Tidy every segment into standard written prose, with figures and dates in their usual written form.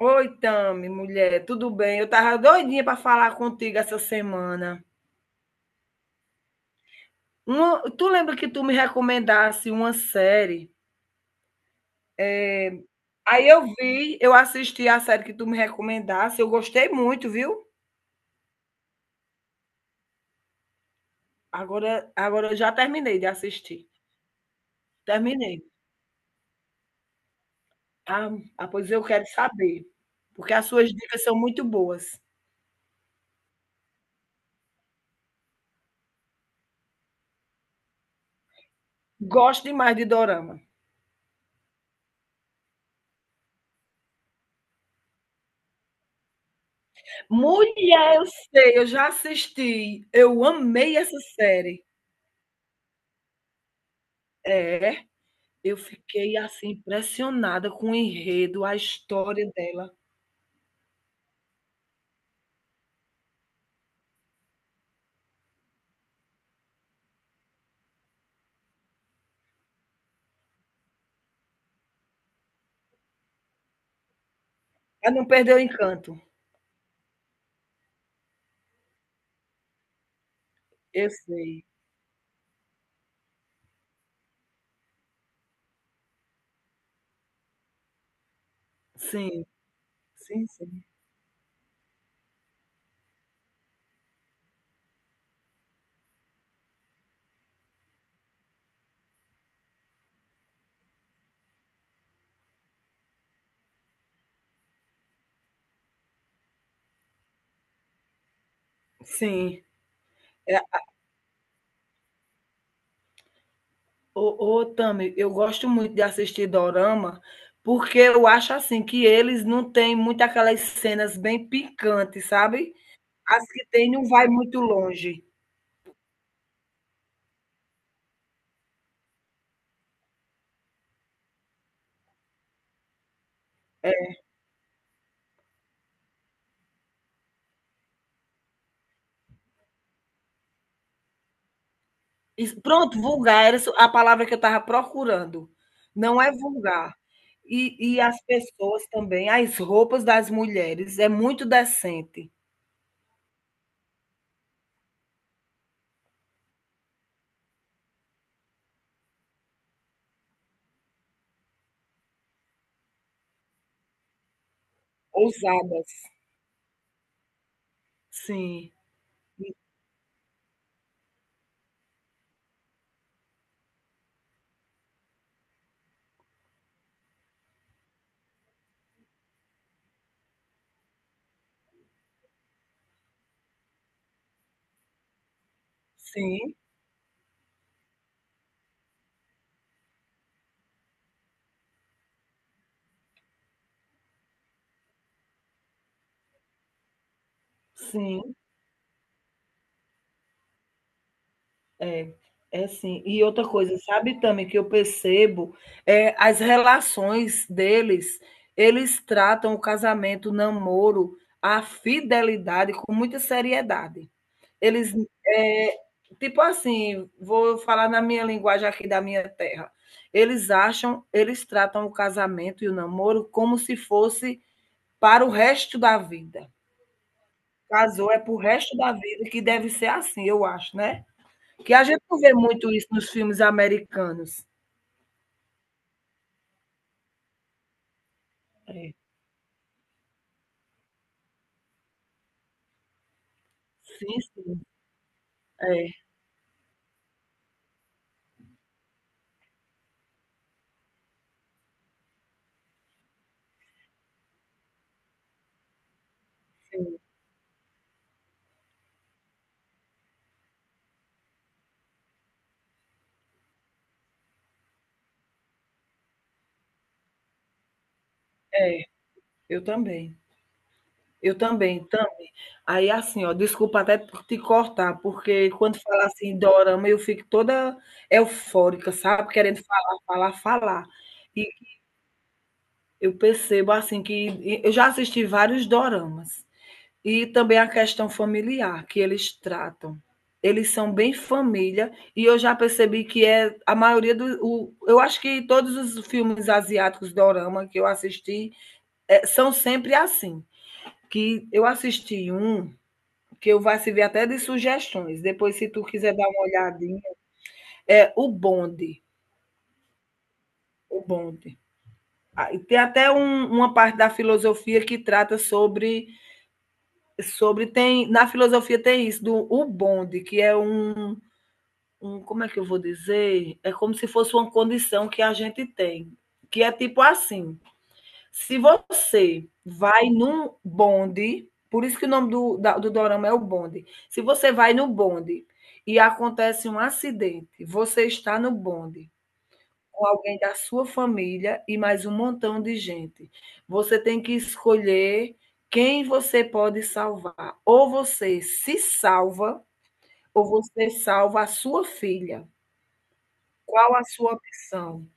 Oi, Tami, mulher, tudo bem? Eu tava doidinha para falar contigo essa semana. Uma- tu lembra que tu me recomendasse uma série? Aí eu vi, eu assisti a série que tu me recomendasse, eu gostei muito, viu? Agora eu já terminei de assistir. Terminei. Ah, Pois eu quero saber, porque as suas dicas são muito boas. Gosto demais de dorama. Mulher, eu sei, eu já assisti. Eu amei essa série. É. Eu fiquei, assim, impressionada com o enredo, a história dela. Ela não perdeu o encanto. Eu sei. Sim, sim, sim. Sim. É, ô ô Tami, eu gosto muito de assistir dorama, porque eu acho, assim, que eles não têm muito aquelas cenas bem picantes, sabe. As que tem não vai muito longe. Isso, pronto, vulgar era a palavra que eu estava procurando. Não é vulgar. E as pessoas também, as roupas das mulheres é muito decente, ousadas. Sim, sim, sim. É, é sim. E outra coisa, sabe também que eu percebo é as relações deles, eles tratam o casamento, o namoro, a fidelidade com muita seriedade. Eles, eh, tipo assim, vou falar na minha linguagem aqui da minha terra. Eles acham, eles tratam o casamento e o namoro como se fosse para o resto da vida. Casou é para o resto da vida que deve ser assim, eu acho, né? Que a gente não vê muito isso nos filmes americanos. É. Sim, sim. É, sim, é. Eu também. Eu também, também. Aí, assim, ó, desculpa até por te cortar, porque quando fala assim, dorama, eu fico toda eufórica, sabe? Querendo falar, falar, falar. E eu percebo, assim, que eu já assisti vários doramas. E também a questão familiar que eles tratam. Eles são bem família e eu já percebi que é a maioria do o, eu acho que todos os filmes asiáticos dorama que eu assisti são sempre assim. Que eu assisti um que eu vai servir até de sugestões. Depois, se tu quiser dar uma olhadinha, é o bonde, o bonde. Ah, e tem até um- uma parte da filosofia que trata sobre tem na filosofia tem isso do o bonde, que é um, como é que eu vou dizer? É como se fosse uma condição que a gente tem, que é tipo assim: se você vai num bonde, por isso que o nome do, da- do dorama é o bonde, se você vai no bonde e acontece um acidente, você está no bonde com alguém da sua família e mais um montão de gente. Você tem que escolher quem você pode salvar. Ou você se salva, ou você salva a sua filha. Qual a sua opção?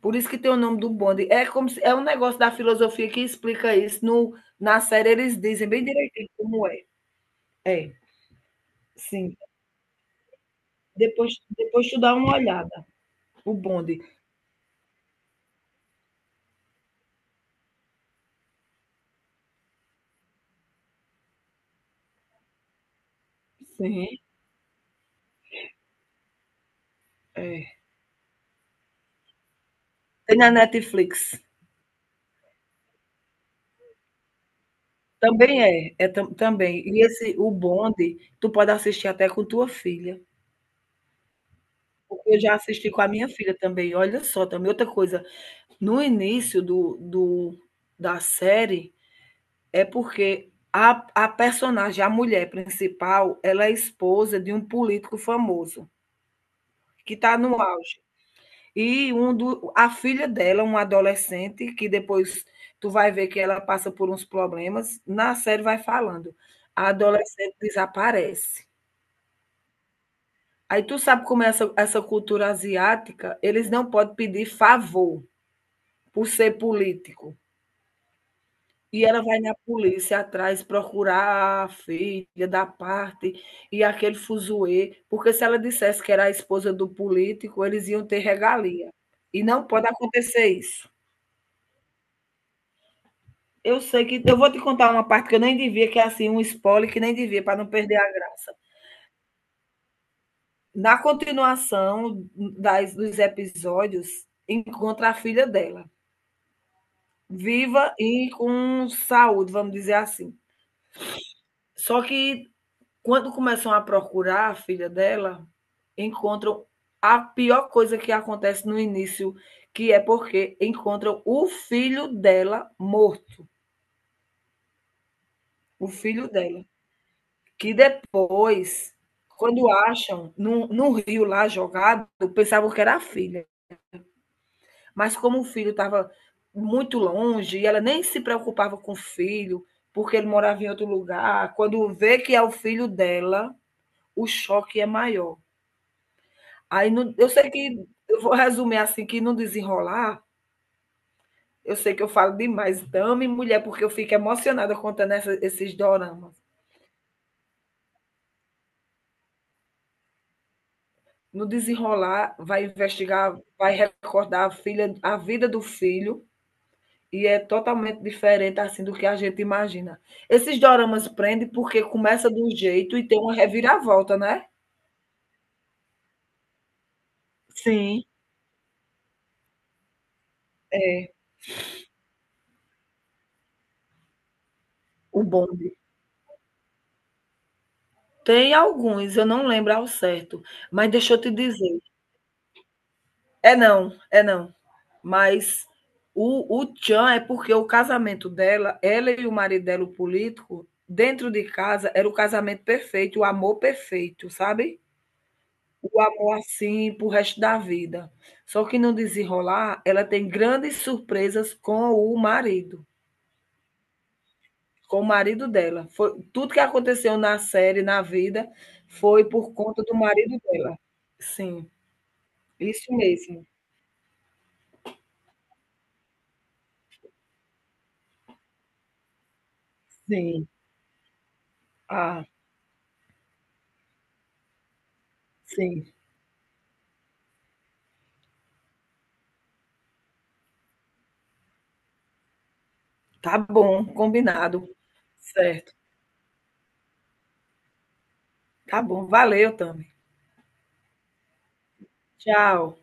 Por isso que tem o nome do bonde. É como se, é um negócio da filosofia que explica isso. No, na série eles dizem bem direitinho como é. É, sim. Depois, depois tu dá uma olhada. O bonde. Sim, é. Tem na Netflix. Também é, é tam- também. E esse, o bonde, tu pode assistir até com tua filha. Porque eu já assisti com a minha filha também. Olha só, também outra coisa. No início da série, é porque a personagem, a mulher principal, ela é esposa de um político famoso, que está no auge. E um do, a filha dela, uma adolescente, que depois tu vai ver que ela passa por uns problemas, na série vai falando. A adolescente desaparece. Aí tu sabe como é essa, essa cultura asiática, eles não podem pedir favor por ser político. E ela vai na polícia atrás procurar a filha da parte e aquele fuzuê, porque se ela dissesse que era a esposa do político, eles iam ter regalia. E não pode acontecer isso. Eu sei que eu vou te contar uma parte que eu nem devia, que é assim um spoiler que nem devia para não perder a graça. Na continuação das dos episódios, encontra a filha dela, viva e com saúde, vamos dizer assim. Só que quando começam a procurar a filha dela, encontram a pior coisa que acontece no início, que é porque encontram o filho dela morto, o filho dela, que depois, quando acham num rio lá jogado, pensavam que era a filha, mas como o filho estava muito longe e ela nem se preocupava com o filho, porque ele morava em outro lugar, quando vê que é o filho dela, o choque é maior. Aí no eu sei que eu vou resumir, assim, que no desenrolar, eu sei que eu falo demais, dama e mulher, porque eu fico emocionada contando essa esses doramas. No desenrolar, vai investigar, vai recordar a filha a vida do filho, e é totalmente diferente, assim, do que a gente imagina. Esses doramas prende, porque começa de um jeito e tem uma reviravolta, né? Sim, o bonde. Tem alguns, eu não lembro ao certo, mas deixa eu te dizer é não, é não. Mas o tchan é porque o casamento dela, ela e o marido dela, o político, dentro de casa, era o casamento perfeito, o amor perfeito, sabe? O amor assim pro resto da vida. Só que no desenrolar, ela tem grandes surpresas com o marido dela. Foi, tudo que aconteceu na série, na vida, foi por conta do marido dela. Sim, isso mesmo. Sim, ah, sim. Tá bom, combinado. Certo. Tá bom, valeu, Tami. Tchau.